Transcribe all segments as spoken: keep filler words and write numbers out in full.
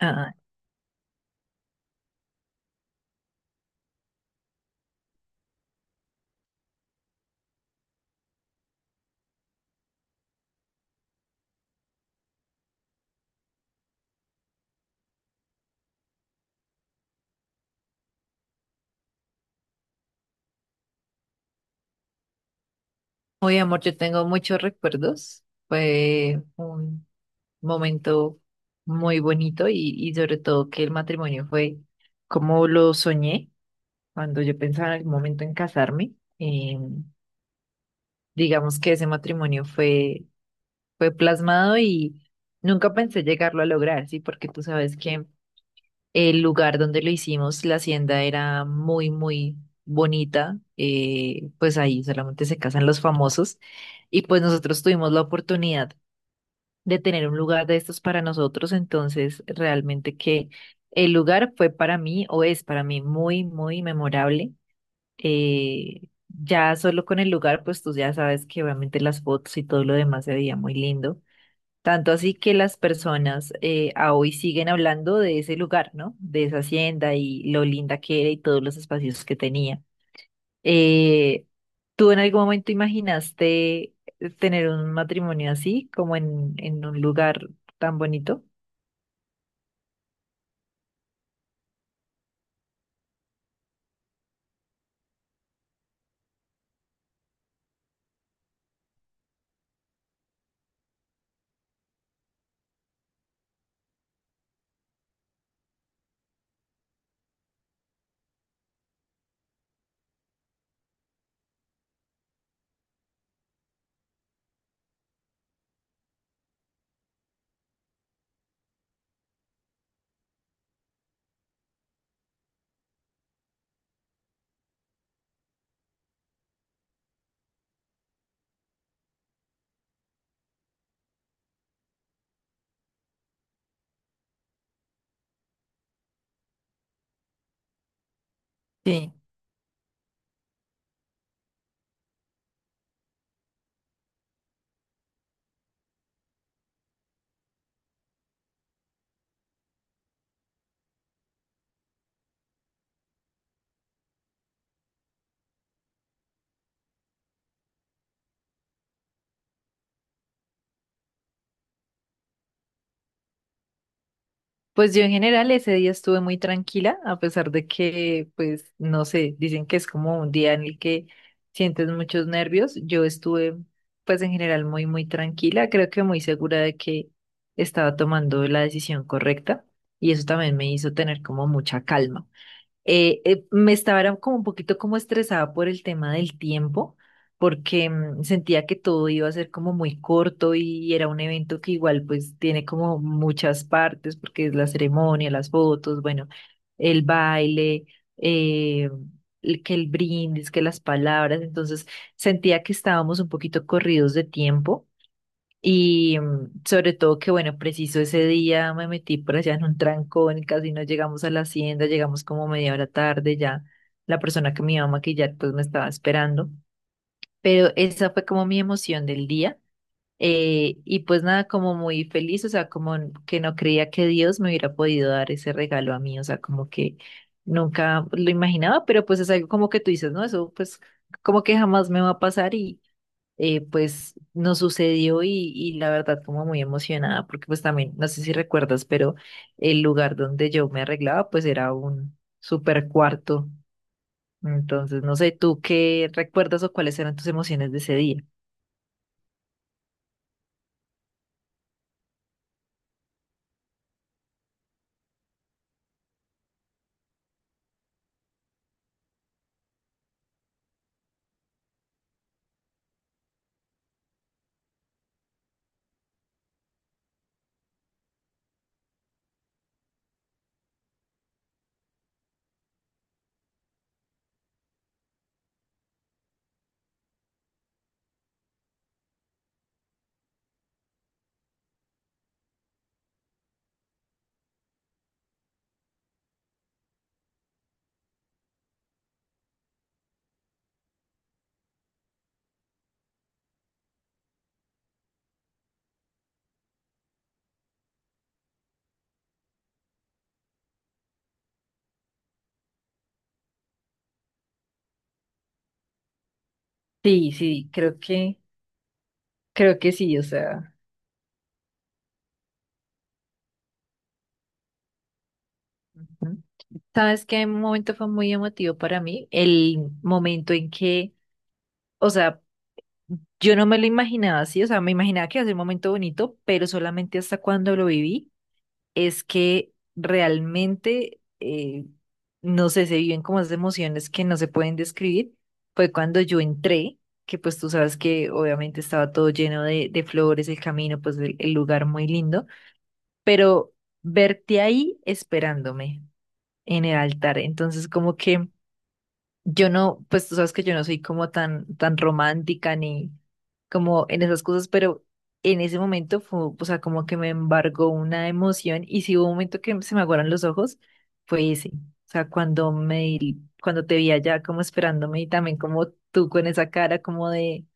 Ah, hoy, amor, yo tengo muchos recuerdos. Fue un momento muy bonito y, y sobre todo que el matrimonio fue como lo soñé cuando yo pensaba en algún momento en casarme. Eh, digamos que ese matrimonio fue, fue plasmado y nunca pensé llegarlo a lograr, ¿sí? Porque tú sabes que el lugar donde lo hicimos, la hacienda era muy, muy bonita. Eh, pues ahí solamente se casan los famosos. Y pues nosotros tuvimos la oportunidad de tener un lugar de estos para nosotros. Entonces, realmente que el lugar fue para mí o es para mí muy, muy memorable. eh, ya solo con el lugar, pues tú ya sabes que obviamente las fotos y todo lo demás se veía muy lindo. Tanto así que las personas eh, a hoy siguen hablando de ese lugar, ¿no? De esa hacienda y lo linda que era y todos los espacios que tenía. Eh, ¿Tú en algún momento imaginaste eh, tener un matrimonio así, como en, en un lugar tan bonito? Sí. Pues yo en general ese día estuve muy tranquila, a pesar de que, pues, no sé, dicen que es como un día en el que sientes muchos nervios. Yo estuve, pues, en general muy, muy tranquila, creo que muy segura de que estaba tomando la decisión correcta y eso también me hizo tener como mucha calma. Eh, eh, me estaba era como un poquito como estresada por el tema del tiempo, porque mm, sentía que todo iba a ser como muy corto y era un evento que igual pues tiene como muchas partes, porque es la ceremonia, las fotos, bueno, el baile, eh, el- que el brindis, que las palabras, entonces sentía que estábamos un poquito corridos de tiempo. Y mm, sobre todo que, bueno, preciso ese día me metí por allá en un trancón, casi no llegamos a la hacienda, llegamos como media hora tarde, ya la persona que me iba a maquillar pues me estaba esperando, pero esa fue como mi emoción del día. Eh, y pues nada, como muy feliz, o sea, como n- que no creía que Dios me hubiera podido dar ese regalo a mí, o sea, como que nunca lo imaginaba, pero pues es algo como que tú dices, ¿no? Eso pues como que jamás me va a pasar. Eh, pues nos sucedió y, y la verdad como muy emocionada, porque pues también, no sé si recuerdas, pero el lugar donde yo me arreglaba pues era un super cuarto. Entonces, no sé, ¿tú qué recuerdas o cuáles eran tus emociones de ese día? Sí, sí, creo que, creo que sí, o sea. Ujú. ¿Sabes qué momento fue muy emotivo para mí? El momento en que, o sea, yo no me lo imaginaba así, o sea, me imaginaba que iba a ser un momento bonito, pero solamente hasta cuando lo viví es que realmente, eh, no sé, se viven como esas emociones que no se pueden describir. Fue cuando yo entré, que pues tú sabes que obviamente estaba todo lleno de, de flores, el camino, pues el, el lugar muy lindo, pero verte ahí esperándome en el altar. Entonces, como que yo no, pues tú sabes que yo no soy como tan, tan romántica ni como en esas cosas, pero en ese momento fue, o sea, como que me embargó una emoción y si hubo un momento que se me aguaron los ojos, fue ese. O sea, cuando me, di- cuando te vi allá como esperándome y también como tú con esa cara como de,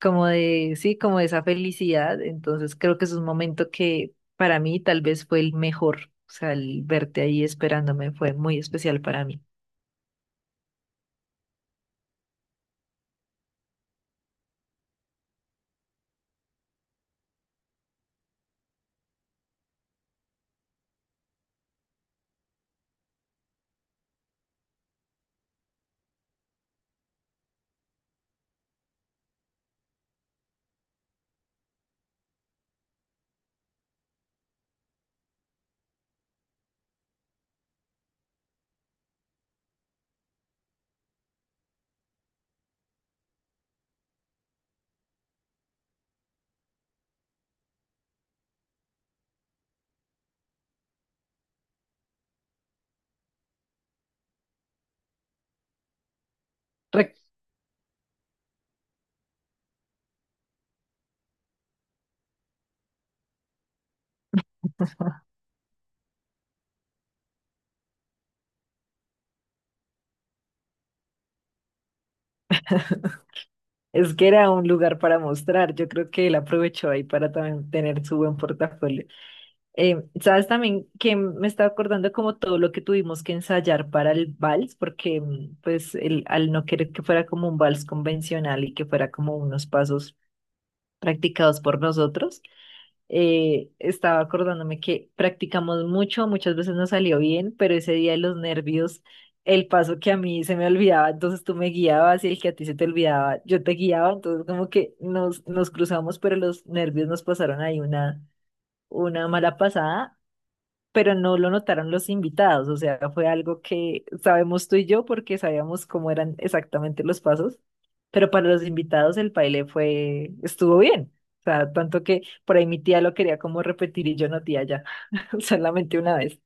como de, sí, como de esa felicidad. Entonces creo que es un momento que para mí tal vez fue el mejor. O sea, el verte ahí esperándome fue muy especial para mí. Rec- Es que era un lugar para mostrar. Yo creo que él aprovechó ahí para también tener su buen portafolio. Eh, sabes también que me estaba acordando como todo lo que tuvimos que ensayar para el vals, porque mm, pues el, al no querer que fuera como un vals convencional y que fuera como unos pasos practicados por nosotros. Eh, estaba acordándome que practicamos mucho, muchas veces no salió bien, pero ese día de los nervios, el paso que a mí se me olvidaba, entonces tú me guiabas y el que a ti se te olvidaba, yo te guiaba, entonces como que nos, nos cruzamos, pero los nervios nos pasaron ahí una, una mala pasada, pero no lo notaron los invitados, o sea, fue algo que sabemos tú y yo porque sabíamos cómo eran exactamente los pasos, pero para los invitados el baile fue, estuvo bien, o sea, tanto que por ahí mi tía lo quería como repetir y yo no, tía, ya, solamente una vez.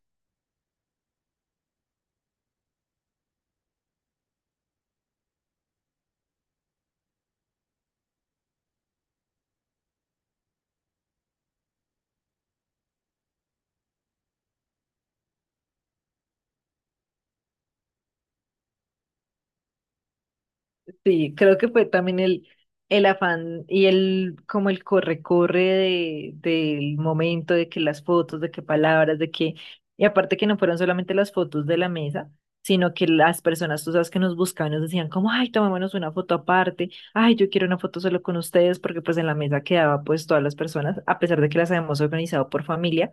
Sí, creo que fue también el, el afán y el como el corre-corre de, del momento, de que las fotos, de que palabras, de que, y aparte que no fueron solamente las fotos de la mesa, sino que las personas, tú sabes, que nos buscaban, nos decían como, ay, tomémonos una foto aparte, ay, yo quiero una foto solo con ustedes, porque pues en la mesa quedaba pues todas las personas, a pesar de que las habíamos organizado por familia,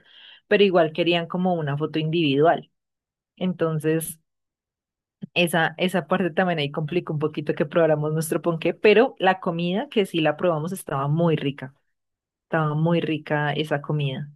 pero igual querían como una foto individual. Entonces... Esa, esa parte también ahí complica un poquito que probáramos nuestro ponqué, pero la comida que sí la probamos estaba muy rica, estaba muy rica esa comida.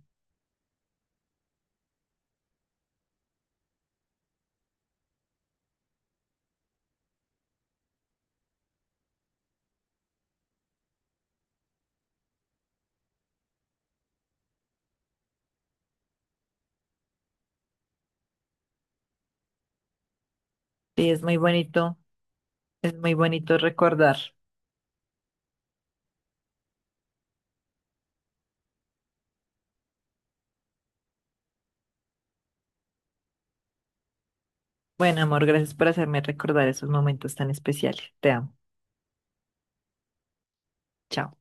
Sí, es muy bonito, es muy bonito recordar. Bueno, amor, gracias por hacerme recordar esos momentos tan especiales. Te amo. Chao.